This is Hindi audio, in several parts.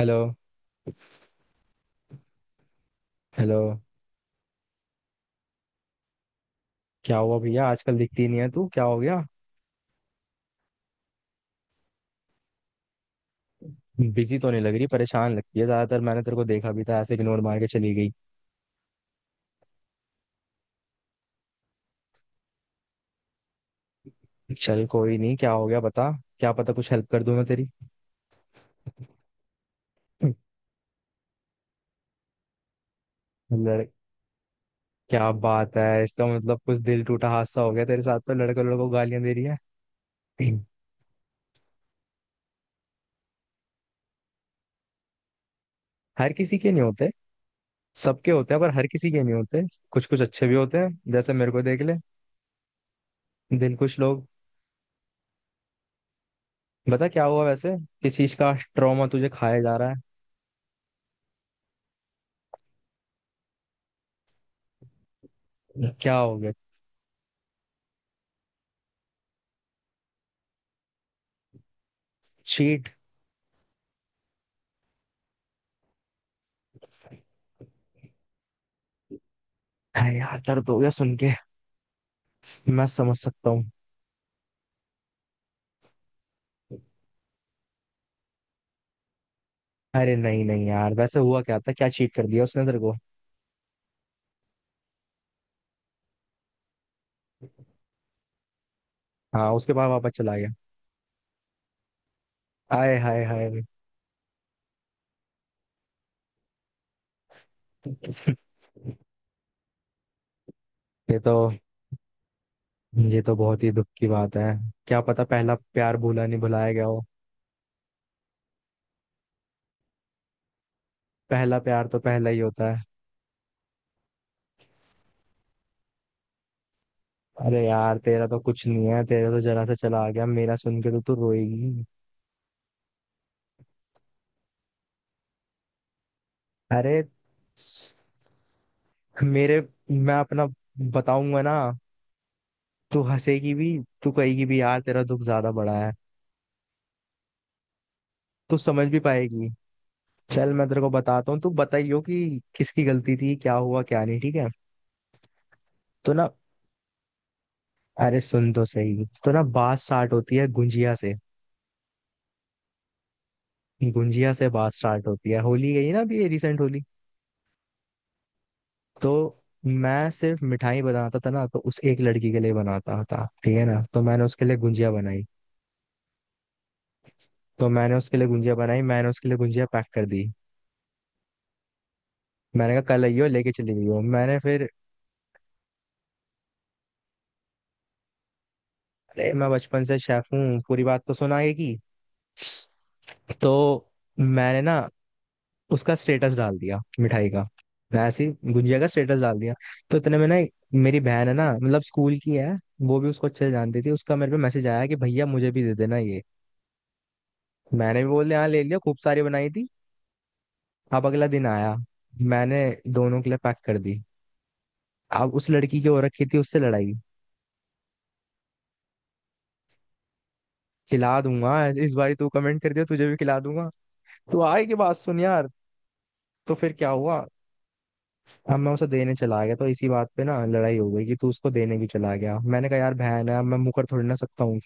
हेलो। हेलो। क्या हुआ भैया, आजकल दिखती नहीं है, तू क्या हो गया। बिजी तो नहीं लग रही, परेशान लगती है ज्यादातर। मैंने तेरे को देखा भी था, ऐसे इग्नोर मार के चली गई। चल कोई नहीं, क्या हो गया बता। क्या पता कुछ हेल्प कर दूं मैं तेरी। लड़, क्या बात है, इसका मतलब कुछ दिल टूटा हादसा हो गया तेरे साथ, तो लड़का लड़कों को गालियां दे रही है। हर किसी के नहीं होते। सबके होते हैं पर हर किसी के नहीं होते। कुछ कुछ अच्छे भी होते हैं, जैसे मेरे को देख ले। दिल कुछ लोग। बता क्या हुआ वैसे। किस चीज का ट्रॉमा तुझे खाया जा रहा है। क्या हो गया। चीट। अरे यार दर्द हो गया सुन के। मैं समझ सकता हूँ। अरे नहीं नहीं यार, वैसे हुआ क्या था, क्या चीट कर दिया उसने तेरे को। हाँ, उसके बाद वापस चला गया। आए हाय हाय। ये तो ये तो बहुत ही दुख की बात है। क्या पता पहला प्यार भूला नहीं भुलाया गया हो। पहला प्यार तो पहला ही होता है। अरे यार तेरा तो कुछ नहीं है, तेरा तो जरा सा चला आ गया, मेरा सुन के तो तू रोएगी। अरे मेरे मैं अपना बताऊंगा ना। तू हंसेगी भी, तू कहेगी भी यार तेरा दुख ज्यादा बड़ा है। तू समझ भी पाएगी। चल मैं तेरे को बताता हूँ, तू बताइयो कि किसकी गलती थी, क्या हुआ क्या नहीं, ठीक है। तो ना अरे सुन तो सही। तो ना बात स्टार्ट होती है गुंजिया से। गुंजिया से बात स्टार्ट होती है। होली गई ना अभी, रिसेंट होली। तो मैं सिर्फ मिठाई बनाता था ना, तो उस एक लड़की के लिए बनाता था ठीक है ना, तो मैंने उसके लिए गुंजिया बनाई। मैंने उसके लिए गुंजिया पैक कर दी। मैंने कहा कल आइयो, लेके चली गई हो। मैंने फिर, अरे मैं बचपन से शेफ हूँ, पूरी बात तो सुना आगे की। तो मैंने ना उसका स्टेटस डाल दिया मिठाई का। मैं ऐसे ही गुजिया का स्टेटस डाल दिया। तो इतने में ना, मेरी बहन है ना, मतलब स्कूल की है, वो भी उसको अच्छे से जानती थी, उसका मेरे पे मैसेज आया कि भैया मुझे भी दे देना ये। मैंने भी बोल दिया हाँ, ले लिया, खूब सारी बनाई थी। अब अगला दिन आया, मैंने दोनों के लिए पैक कर दी। अब उस लड़की की हो रखी थी उससे लड़ाई। खिला दूंगा। इस बारी तू कमेंट कर दिया, तुझे भी खिला दूंगा। तू आए की बात सुन यार। तो फिर क्या हुआ। अब मैं उसे देने चला गया, तो इसी बात पे ना लड़ाई हो गई कि तू उसको देने क्यों चला गया। मैंने कहा यार बहन है, अब मैं मुंह कर थोड़ी ना सकता हूँ।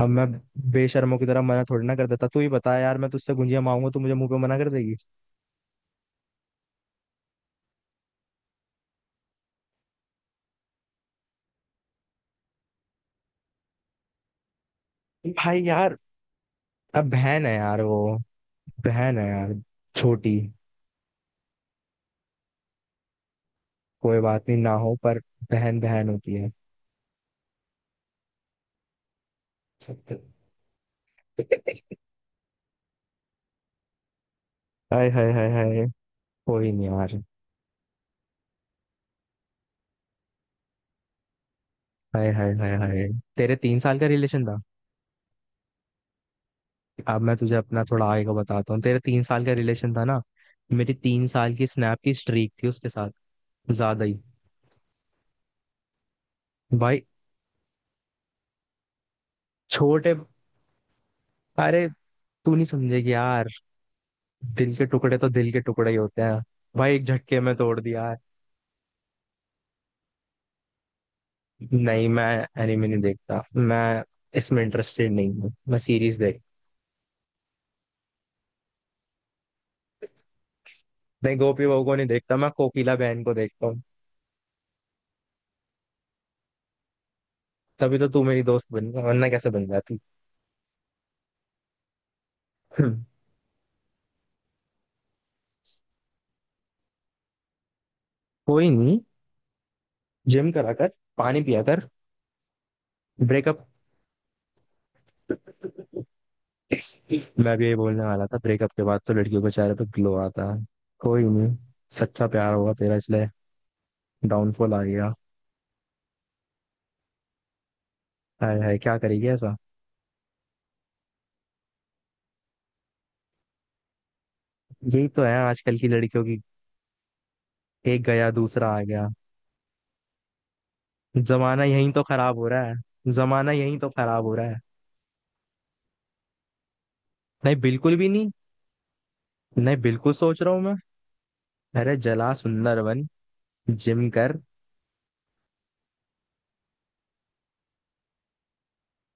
अब मैं बेशर्मों की तरह मना थोड़ी ना कर देता। तू ही बता यार, मैं तुझसे गुंजिया मांगूंगा, तू मुझे मुंह पे मना कर देगी। भाई यार अब बहन है यार वो। बहन है यार छोटी। कोई बात नहीं ना हो पर बहन बहन होती है। हाय हाय हाय हाय। कोई नहीं यार। हाय हाय हाय हाय। तेरे तीन साल का रिलेशन था। अब मैं तुझे अपना थोड़ा आगे का बताता हूँ। तेरे तीन साल का रिलेशन था ना मेरी 3 साल की स्नैप की स्ट्रीक थी उसके साथ। ज्यादा ही। भाई छोटे, अरे तू नहीं समझेगी यार, दिल के टुकड़े तो दिल के टुकड़े ही होते हैं भाई, एक झटके में तोड़ दिया यार। नहीं, मैं एनिमे नहीं देखता। मैं इसमें इंटरेस्टेड नहीं हूँ, मैं सीरीज देख। नहीं, गोपी बहू को नहीं देखता, मैं कोकिला बहन को देखता हूँ। तभी तो तू मेरी दोस्त बन गया, वरना कैसे बन जाती। कोई नहीं, जिम करा कर, पानी पिया कर। ब्रेकअप, मैं भी यही बोलने वाला था, ब्रेकअप के बाद तो लड़कियों के चेहरे पे ग्लो आता है। कोई नहीं, सच्चा प्यार होगा तेरा इसलिए डाउनफॉल आ गया। हाय हाय क्या करेगी ऐसा। यही तो है आजकल की लड़कियों की, एक गया दूसरा आ गया। जमाना यही तो खराब हो रहा है। जमाना यही तो खराब हो रहा है। नहीं बिल्कुल भी नहीं। नहीं, बिल्कुल सोच रहा हूँ मैं। अरे जला सुंदर बन, जिम कर।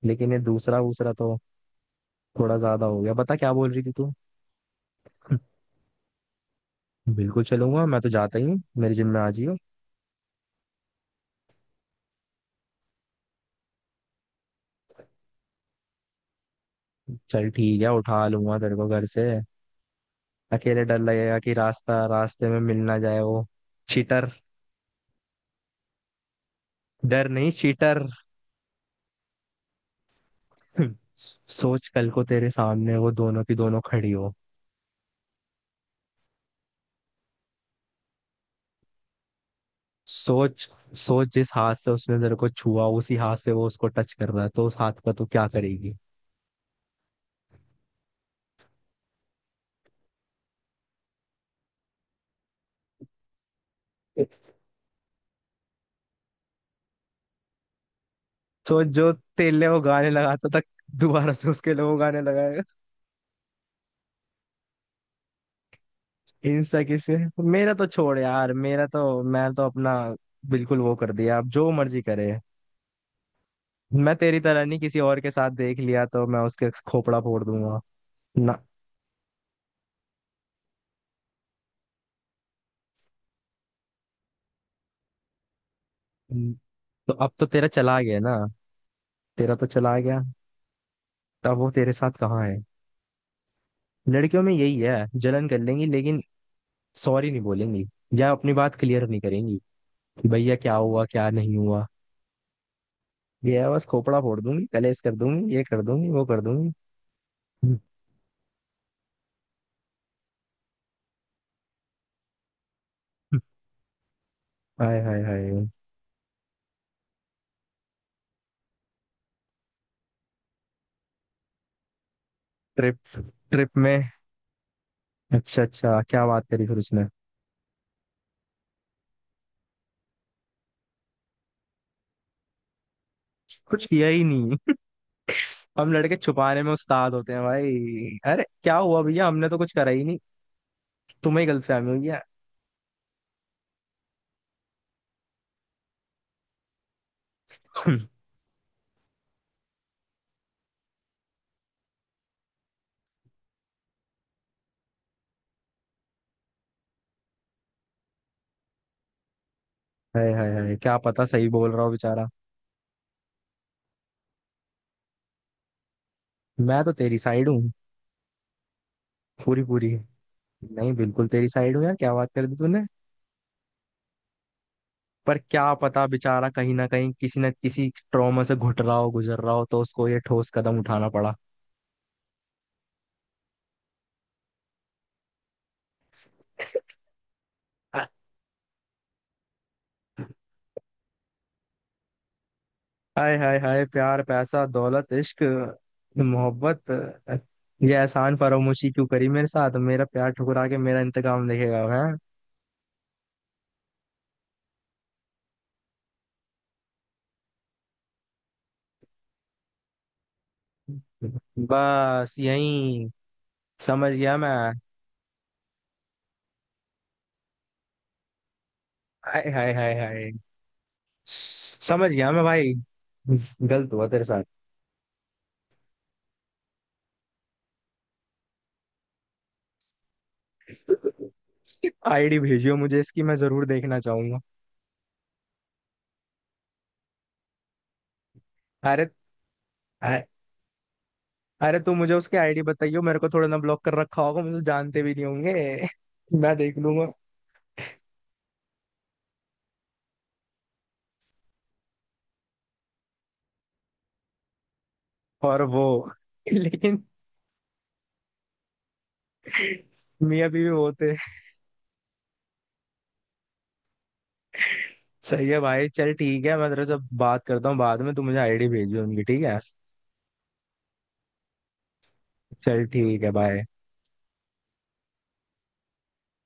लेकिन ये दूसरा दूसरा तो थोड़ा ज्यादा हो गया। बता क्या बोल रही थी तू। बिल्कुल चलूंगा, मैं तो जाता ही हूँ, मेरे जिम में आ जियो। चल ठीक है, उठा लूंगा तेरे को घर से। अकेले डर लगेगा कि रास्ता रास्ते में मिल ना जाए वो। चीटर। डर नहीं, चीटर। सोच, कल को तेरे सामने वो दोनों की दोनों खड़ी हो। सोच, सोच जिस हाथ से उसने तेरे को छुआ, उसी हाथ से वो उसको टच कर रहा है, तो उस हाथ का तू क्या करेगी। सोच जो तेले वो गाने लगाता था, दोबारा से उसके लिए वो गाने लगाएगा। इंस्टा किसे। मेरा तो छोड़ यार, मेरा तो मैं तो अपना बिल्कुल वो कर दिया, आप जो मर्जी करे। मैं तेरी तरह नहीं, किसी और के साथ देख लिया तो मैं उसके खोपड़ा फोड़ दूंगा ना। तो अब तो तेरा चला गया ना तेरा तो चला गया, तब वो तेरे साथ कहाँ है। लड़कियों में यही है, जलन कर लेंगी लेकिन सॉरी नहीं बोलेंगी, या अपनी बात क्लियर नहीं करेंगी कि भैया क्या हुआ क्या नहीं हुआ। ये है बस, खोपड़ा फोड़ दूंगी, कलेश कर दूंगी, ये कर दूंगी, वो कर दूंगी। Hi hi hi. Trip trip में अच्छा अच्छा क्या बात करी फिर उसने। कुछ किया ही नहीं। हम लड़के छुपाने में उस्ताद होते हैं भाई। अरे क्या हुआ भैया, हमने तो कुछ करा ही नहीं, तुम्हें ही गलतफहमी हुई है। हाय हाय हाय, क्या पता सही बोल रहा हूँ बेचारा। मैं तो तेरी साइड हूँ, पूरी पूरी। नहीं, बिल्कुल तेरी साइड हूँ यार, क्या बात कर दी तूने। पर क्या पता बेचारा कहीं ना कहीं किसी ना किसी ट्रॉमा से घुट रहा हो, गुजर रहा हो, तो उसको ये ठोस कदम उठाना पड़ा। हाय हाय हाय। प्यार पैसा दौलत इश्क मोहब्बत, ये एहसान फरामोशी क्यों करी मेरे साथ, मेरा प्यार ठुकरा के मेरा इंतकाम देखेगा है। बस यही, समझ गया मैं। हाय हाय हाय हाय, समझ गया मैं भाई। गलत हुआ तेरे साथ। आईडी भेजियो मुझे इसकी, मैं जरूर देखना चाहूंगा। अरे अ- अरे तू मुझे उसकी आईडी बताइयो, मेरे को थोड़ा ना ब्लॉक कर रखा होगा, मुझे जानते भी नहीं होंगे। मैं देख लूंगा। और वो, लेकिन मियां बीवी वो थे। सही है भाई, चल ठीक है, मैं तेरे से बात करता हूँ बाद में, तू मुझे आईडी भेजियो उनकी, ठीक है। चल ठीक है भाई।